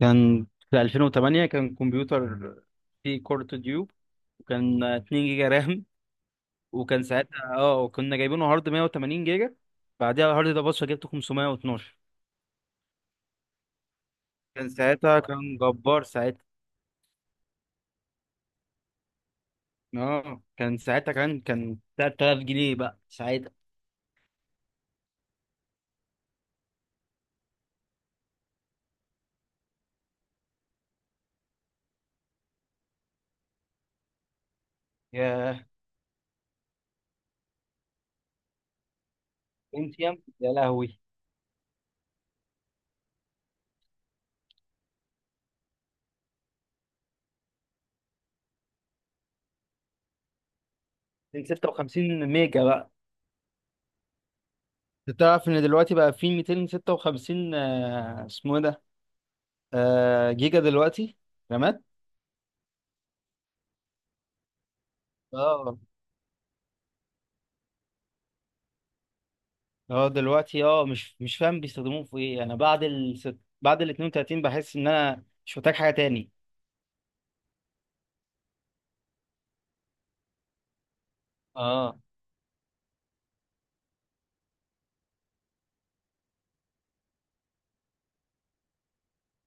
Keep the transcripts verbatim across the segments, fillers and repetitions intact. كان في ألفين وتمانية كان كمبيوتر فيه كورت ديوب، وكان اتنين جيجا رام. وكان ساعتها اه وكنا جايبينه هارد مية وتمانين جيجا. بعدها الهارد ده، بص، جبته خمسمية واتناشر. كان ساعتها، كان جبار ساعتها. اه، كان ساعتها كان كان تلات تلاف جنيه بقى ساعتها. ياه! انتيم، يا لهوي! ميتين ستة وخمسين ميجا بقى. انت تعرف ان دلوقتي بقى في ميتين ستة وخمسين آه، اسمه ايه ده؟ آه، جيجا دلوقتي. رامات. اه اه. دلوقتي، اه، مش مش فاهم بيستخدموه في ايه. انا بعد ال ست... بعد ال اتنين وتلاتين بحس ان انا مش محتاج حاجه تاني. اه.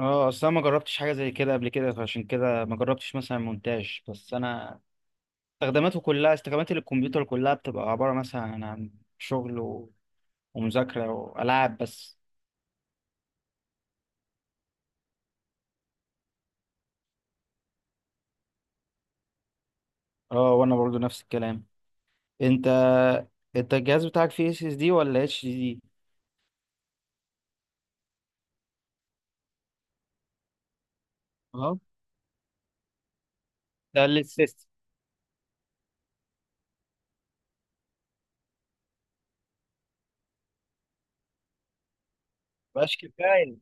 اه، اصل انا ما جربتش حاجه زي كده قبل كده، فعشان كده ما جربتش مثلا مونتاج. بس انا استخداماته كلها، استخدامات الكمبيوتر كلها، بتبقى عباره مثلا عن شغل و... ومذاكره والعاب بس. اه، وانا برضو نفس الكلام. انت انت الجهاز بتاعك فيه اس اس دي ولا اتش دي دي؟ اه. ده اللي السيستم. مبقاش كفايه.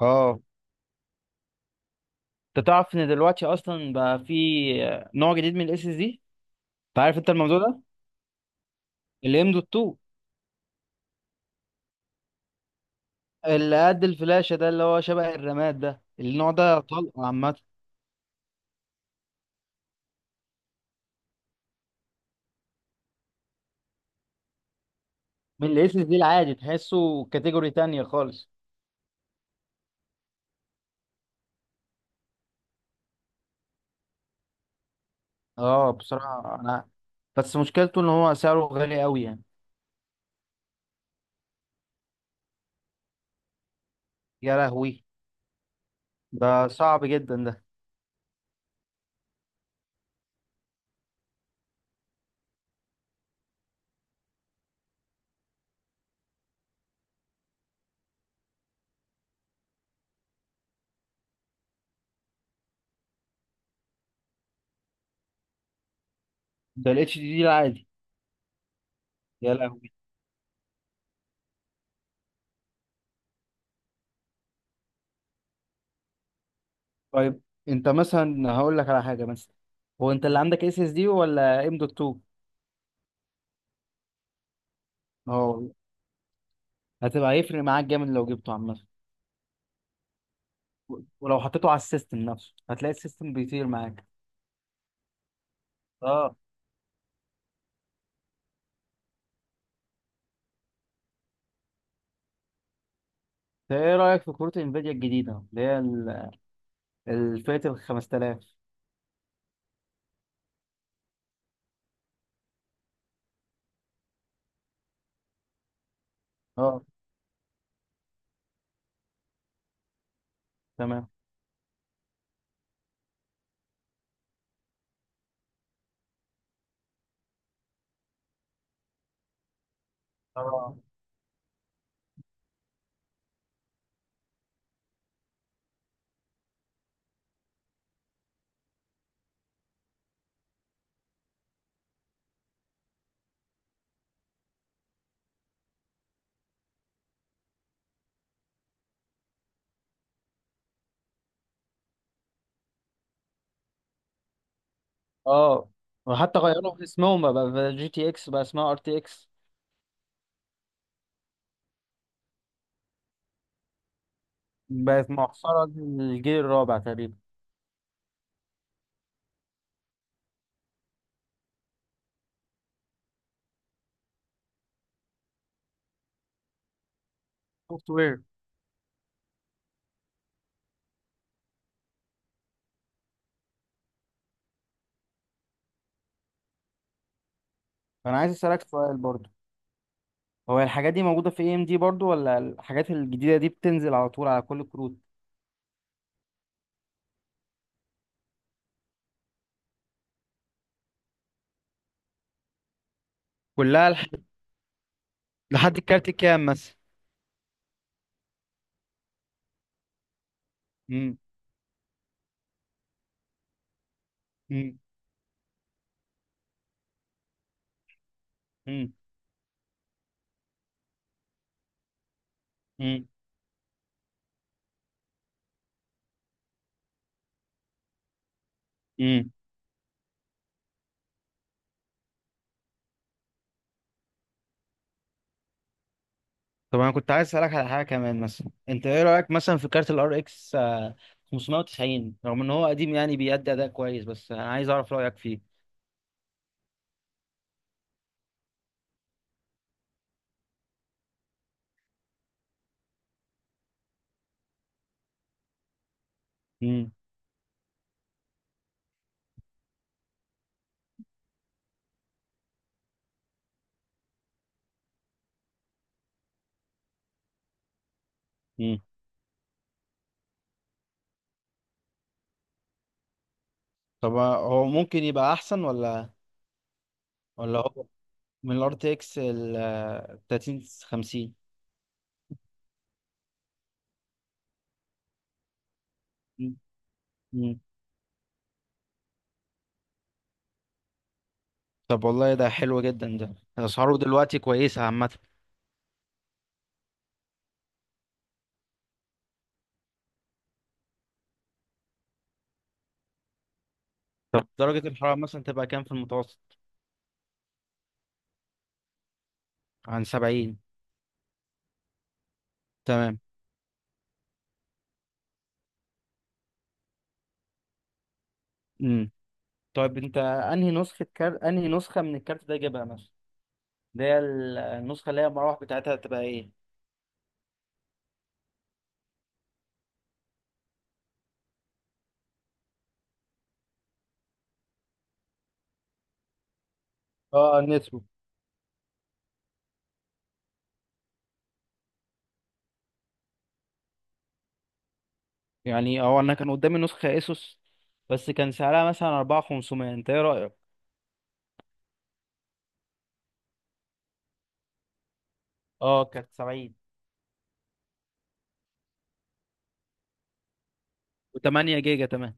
اه، انت تعرف ان دلوقتي اصلا بقى في نوع جديد من الاس اس دي؟ انت عارف انت الموضوع ده؟ الام دوت اتنين. اللي قد الفلاشه ده، اللي هو شبه الرماد ده، النوع ده طلق عامه. من الاس اس دي العادي تحسه كاتيجوري تانية خالص. اه، بصراحه انا، بس مشكلته ان هو سعره غالي قوي يعني. يا لهوي! ده صعب جدا ده. ده الاتش دي دي العادي. يا لهوي! طيب، انت مثلا هقول لك على حاجه مثلا. هو انت اللي عندك اس اس دي ولا ام دوت اتنين؟ اه. هتبقى هيفرق معاك جامد لو جبته، عامه. ولو حطيته على السيستم نفسه هتلاقي السيستم بيطير معاك. اه. طيب، ايه رأيك في كروت انفيديا الجديدة اللي هي ال- الفئة ال خمسة تلاف؟ اه، تمام. اه. اه. وحتى غيروا في اسمهم، بقى، بقى جي تي اكس بقى اسمها ار تي اكس. بقت معصرة للجيل الرابع تقريبا. سوفت وير. فانا عايز اسألك سؤال برضو. هو الحاجات دي موجودة في اي ام دي برضو، ولا الحاجات الجديدة دي بتنزل على طول على كل الكروت؟ كلها. لح- لحد الكارت كام مثلا؟ امم. امم. امم. طب انا كنت عايز اسالك على حاجه كمان. مثلا انت ايه رايك مثلا في كارت الار اكس خمسمية وتسعين؟ رغم ان هو قديم، يعني بيأدي اداء كويس، بس انا عايز اعرف رايك فيه. امم. امم. طب هو ممكن يبقى احسن، ولا؟ ولا هو من الار تي اكس ال تلاتين خمسين؟ امم. طب والله ده حلو جدا ده، اسعاره دلوقتي كويسه عامه. طب درجه الحراره مثلا تبقى كام في المتوسط؟ عن سبعين. تمام. امم. طيب، انت انهي نسخه كارت انهي نسخه من الكارت ده جايبها مثلا؟ اللي هي، النسخة اللي هي المراوح بتاعتها هتبقى ايه؟ اه، نسمو. يعني هو انا كان قدامي نسخة اسوس، بس كان سعرها مثلا اربعة تلاف وخمسمية. انت ايه رأيك؟ اه، كانت سبعين. و8 جيجا، تمام.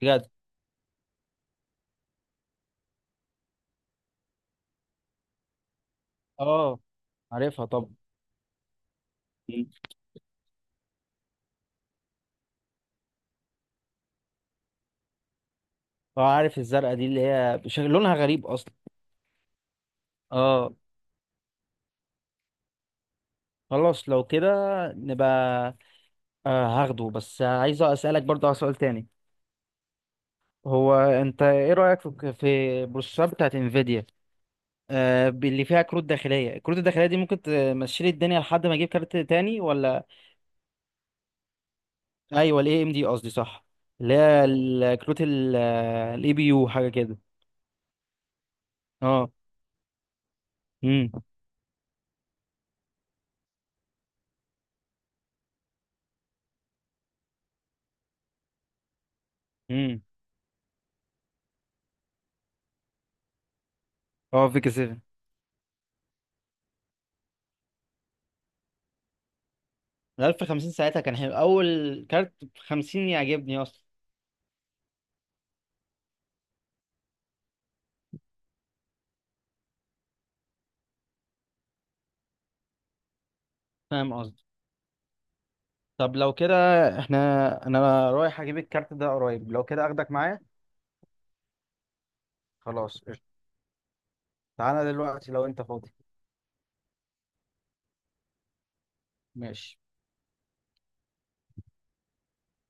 بجد؟ اه، عارفها طبعا. مم. اه، عارف الزرقاء دي اللي هي بشكل لونها غريب اصلا. اه. خلاص، لو كده نبقى، آه هاخده. بس عايز اسالك برضه على سؤال تاني. هو انت ايه رايك في في البروسيسور بتاعت انفيديا؟ آه، اللي فيها كروت داخليه. الكروت الداخليه دي ممكن تمشي لي الدنيا لحد ما اجيب كارت تاني ولا؟ ايوه، الاي ام دي قصدي، صح. اللي هي الكروت الاي بي يو، حاجه كده. اه. امم. امم. اه، فيك سبعة. ال ألف وخمسين ساعتها كان حلو. اول كارت ب خمسين يعجبني اصلا. فاهم قصدي. طب لو كده، احنا انا رايح اجيب الكارت ده قريب. لو كده اخدك معايا. خلاص، قشطة. تعالى دلوقتي لو انت فاضي. ماشي.